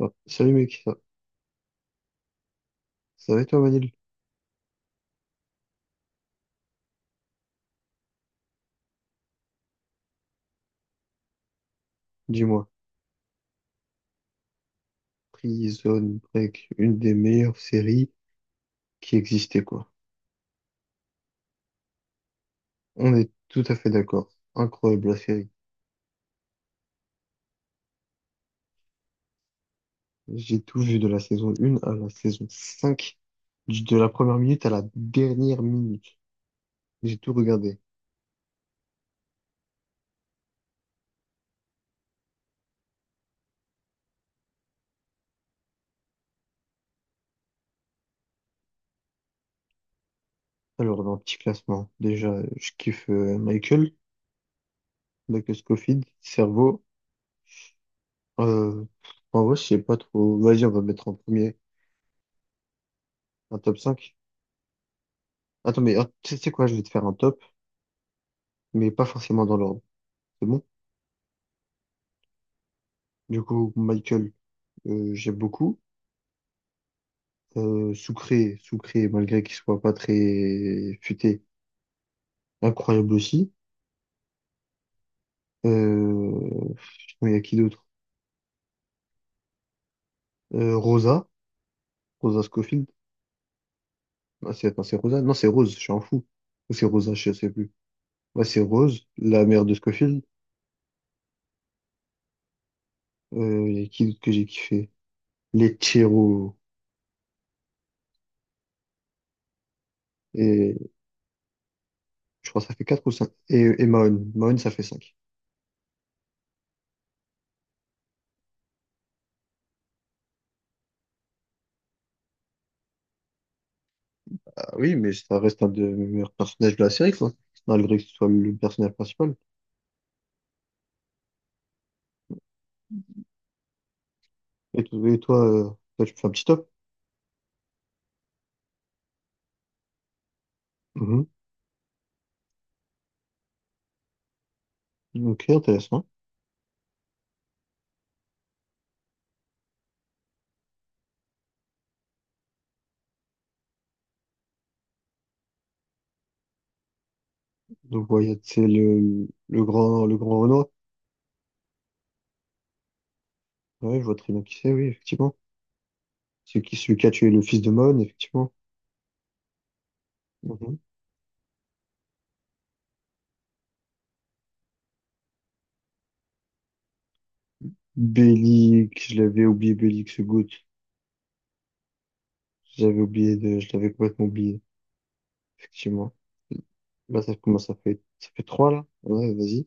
Ah, salut mec, ça va et toi Manil? Dis-moi, Prison Break, une des meilleures séries qui existait quoi. On est tout à fait d'accord. Incroyable la série. J'ai tout vu de la saison 1 à la saison 5, de la première minute à la dernière minute. J'ai tout regardé. Alors dans le petit classement, déjà je kiffe Michael, Michael Scofield, Cerveau. Euh, En vrai je sais pas trop. Vas-y on va mettre en premier un top 5. Attends tu sais quoi, je vais te faire un top mais pas forcément dans l'ordre. C'est bon? Du coup, Michael, j'aime beaucoup. Soucré, malgré qu'il soit pas très futé, incroyable aussi. Euh, sinon, il y a qui d'autre? Euh, Rosa, Rosa Scofield. Ah, c'est, attends, c'est Rosa? Non, c'est Rose, je suis un fou. Ou c'est Rosa, je sais plus. Ouais, c'est Rose, la mère de Scofield. Il y a qui d'autre que j'ai kiffé? Les Chiro. Et je crois que ça fait quatre ou cinq. Et Mahon. Mahon, ça fait cinq. Ah oui, mais ça reste un des meilleurs personnages de la série, quoi. Malgré que ce soit le personnage principal. Et toi, toi, tu fais un petit top? Mhm. Ok, intéressant. Donc, ouais, c'est le grand Renoir. Ouais, je vois très bien qui c'est, oui, effectivement. C'est qui, celui qui a tué le fils de Mon, effectivement. Mhm. Bélix, je l'avais oublié, Bélix Good. Je l'avais complètement oublié, effectivement. Là, ça commence, ça fait trois, là. Ouais, vas-y.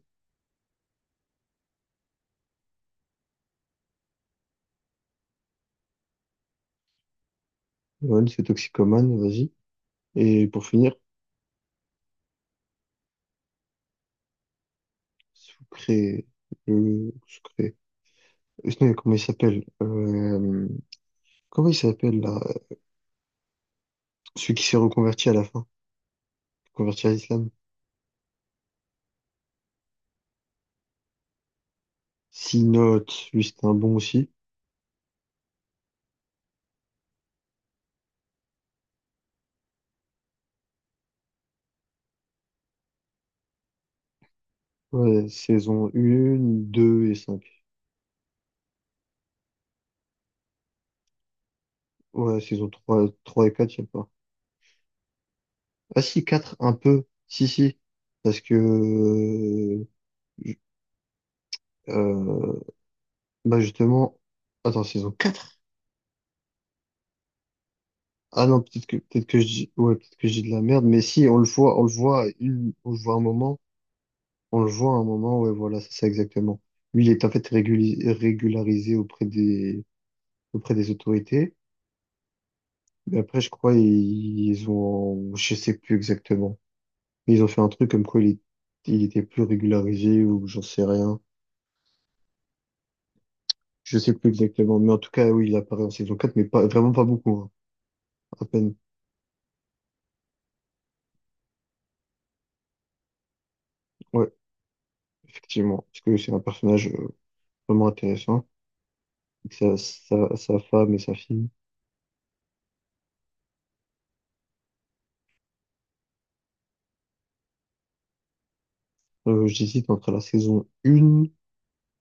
Mon, c'est Toxicomane, vas-y. Et pour finir, Sucré, Sucré. Sinon, comment il s'appelle? Comment il s'appelle, là? Celui qui s'est reconverti à la fin, converti à l'islam. Six notes, lui c'était un bon aussi. Ouais, saison 1, 2 et 5. Ouais, saison trois, et 4 il n'y a pas. Ah si, 4 un peu. Si, si. Parce que... euh, ju- euh, bah justement. Attends, saison 4. Ah non, peut-être que je dis... Ouais, peut-être que je dis de la merde. Mais si, on le voit un moment. On le voit un moment, ouais, voilà, c'est ça exactement. Lui, il est en fait régularisé auprès des autorités. Mais après, je crois, ils ont, je sais plus exactement. Mais ils ont fait un truc comme quoi il était plus régularisé ou j'en sais rien. Je sais plus exactement. Mais en tout cas, oui, il apparaît en saison 4, mais pas, vraiment pas beaucoup, hein. À peine. Ouais, effectivement. Parce que c'est un personnage vraiment intéressant. Avec sa femme et sa fille. J'hésite entre la saison 1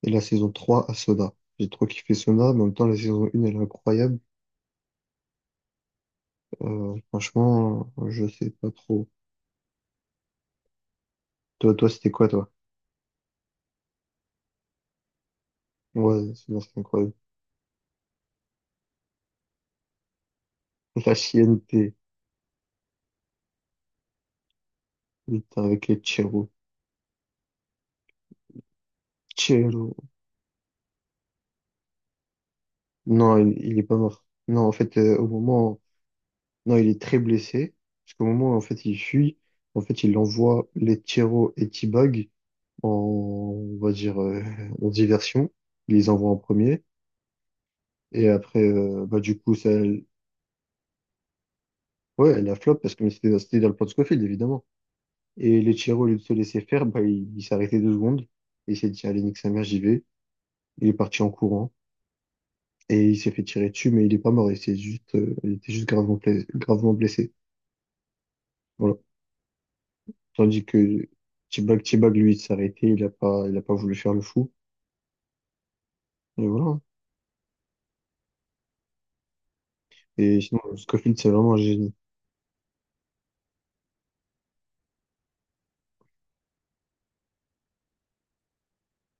et la saison 3 à Soda. J'ai trop kiffé Soda, mais en même temps, la saison 1, elle est incroyable. Je sais pas trop. Toi, c'était quoi, toi? Ouais, c'est incroyable. La CNP, il était avec les Chiro. Chiro. Non, il est pas mort. Non, en fait, au moment... Non, il est très blessé. Parce qu'au moment où, en fait, il fuit, en fait, il envoie les Chiro et T-Bag en, on va dire, en diversion. Il les envoie en premier. Et après, du coup, ça... Ouais, elle a flop parce que c'était dans le plan de Scofield, évidemment. Et les Chiro, au lieu de se laisser faire, bah, il s'est arrêté deux secondes. Il s'est dit, allez, nique sa mère, j'y vais. Il est parti en courant. Et il s'est fait tirer dessus, mais il est pas mort, il était juste gravement, gravement blessé. Voilà. Tandis que T-Bag, lui, il s'est arrêté, il a pas voulu faire le fou. Et voilà. Et sinon, Scofield, c'est vraiment un génie.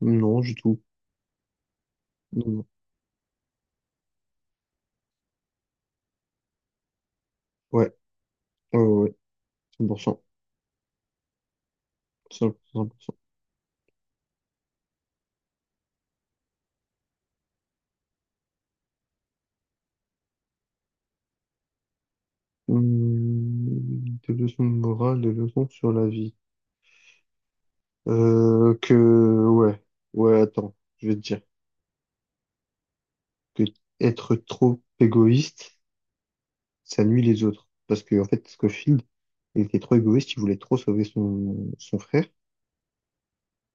Non, du tout. Non, non. Ouais, ouais, ouais, ouais. 100%. 100%. Des leçons de morale, des leçons sur la vie. Euh, que, ouais, ouais, attends, je vais te dire que être trop égoïste, ça nuit les autres. Parce que, en fait, Scofield, il était trop égoïste, il voulait trop sauver son, son frère.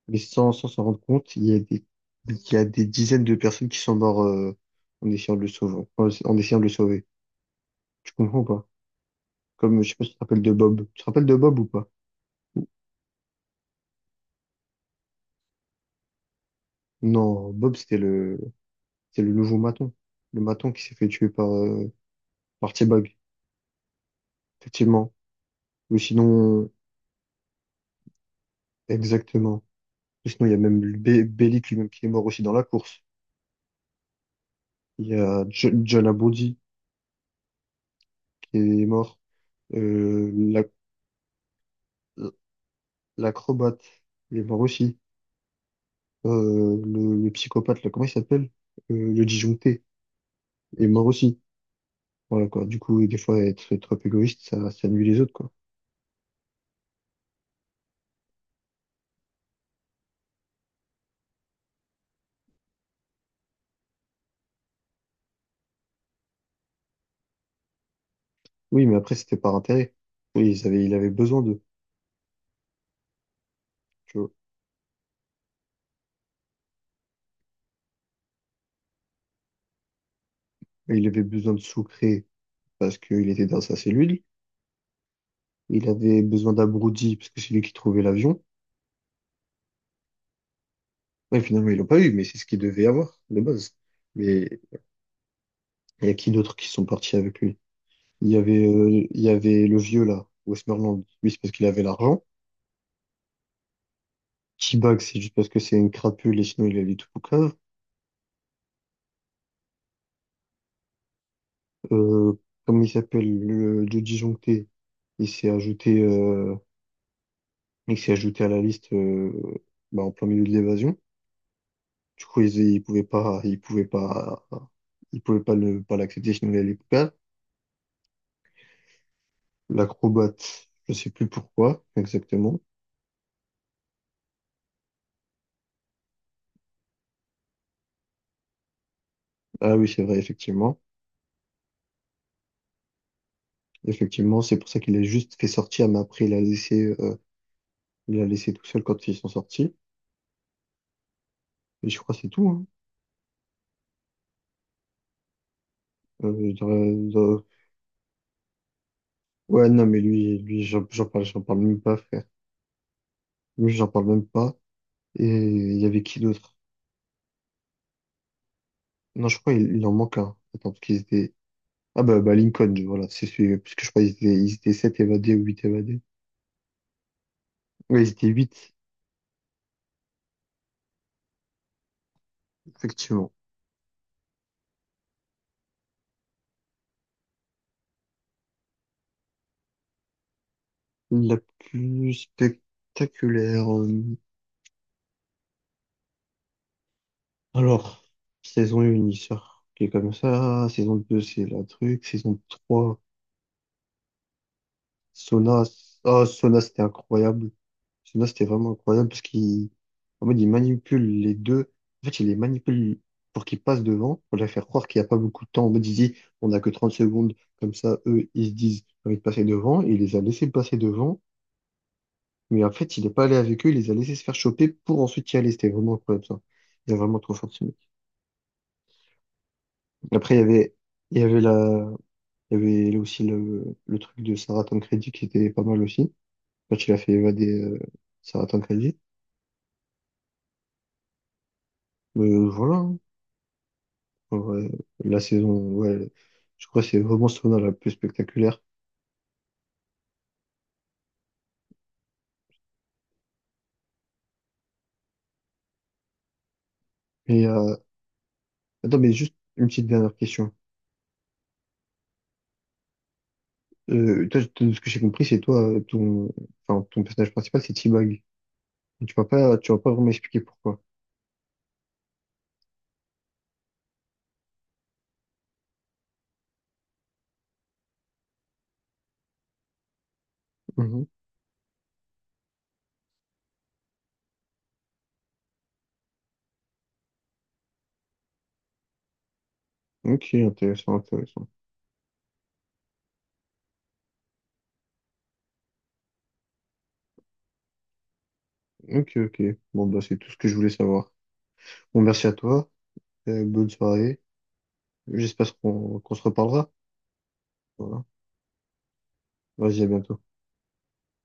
Mais sans, sans s'en rendre compte, il y a des dizaines de personnes qui sont mortes en essayant de le sauver, en essayant de le sauver. Tu comprends ou pas? Comme, je sais pas si tu te rappelles de Bob. Tu te rappelles de Bob ou pas? Non, Bob, c'était le nouveau maton. Le maton qui s'est fait tuer par, par T-Bug. Effectivement. Ou sinon, exactement. Ou sinon, il y a même Bellic lui-même qui est mort aussi dans la course. Il y a John Abruzzese qui est mort. Euh, la, L'acrobate, il est mort aussi. Le psychopathe, là, comment il s'appelle? Le disjoncté, il est mort aussi. Voilà, quoi. Du coup, des fois, être trop égoïste, ça nuit les autres, quoi. Oui, mais après, c'était par intérêt. Oui, il avait besoin d'eux, tu vois. Et il avait besoin de Sucré parce qu'il était dans sa cellule. Il avait besoin d'Abruti parce que c'est lui qui trouvait l'avion. Ouais, finalement, ils l'ont pas eu, mais c'est ce qu'il devait avoir, de base. Mais il y a qui d'autres qui sont partis avec lui? Il y avait le vieux, là, Westmoreland. Lui, c'est parce qu'il avait l'argent. T-Bag, c'est juste parce que c'est une crapule et sinon il allait tout au cave. Euh, comme il s'appelle, le Joe disjoncté, il s'est ajouté, euh, il s'est ajouté à la liste bah, en plein milieu de l'évasion. Du coup, ils pouvaient pas pas l'accepter sinon il allait tout cave. L'acrobate, je sais plus pourquoi exactement. Ah oui, c'est vrai, effectivement. Effectivement, c'est pour ça qu'il a juste fait sortir, mais après il a laissé tout seul quand ils sont sortis. Et je crois que c'est tout. Hein. Euh, je dirais- Ouais, non, mais lui, j'en parle même pas, frère. Lui, j'en parle même pas. Et il y avait qui d'autre? Non, je crois il en manque un. Attends, parce qu'ils étaient. Ah bah Lincoln, voilà, c'est celui, parce que je crois ils étaient sept évadés ou huit évadés. Ouais, ils étaient huit effectivement. La plus spectaculaire. Alors, saison un il sort, qui est comme ça. Saison 2 c'est la truc. Saison 3 Sona. Ah, Sona, c'était incroyable. Celui-là, c'était vraiment incroyable en mode, il manipule les deux. En fait, il les manipule pour qu'ils passent devant, pour les faire croire qu'il n'y a pas beaucoup de temps. En mode, il dit, on n'a que 30 secondes. Comme ça, eux, ils se disent, j'ai envie de passer devant. Et il les a laissés passer devant. Mais en fait, il n'est pas allé avec eux. Il les a laissés se faire choper pour ensuite y aller. C'était vraiment incroyable, ça. Il est vraiment trop fort, ce mec. Après, il y avait la, il y avait aussi le truc de Sarah Tancredi qui était pas mal aussi. Quand il a fait évader, Sarah Tancredi. Mais voilà, hein. En vrai, la saison, ouais, je crois que c'est vraiment Sona la plus spectaculaire. mais euh, Attends, mais juste une petite dernière question. De ce que j'ai compris, c'est toi, ton, enfin, ton personnage principal, c'est T-Bag. Tu vas pas vraiment expliquer pourquoi. Mhm. Ok, intéressant, intéressant. Ok, ok. Bon, bah, c'est tout ce que je voulais savoir. Bon, merci à toi. Bonne soirée. J'espère qu'on se reparlera. Voilà. Vas-y, à bientôt.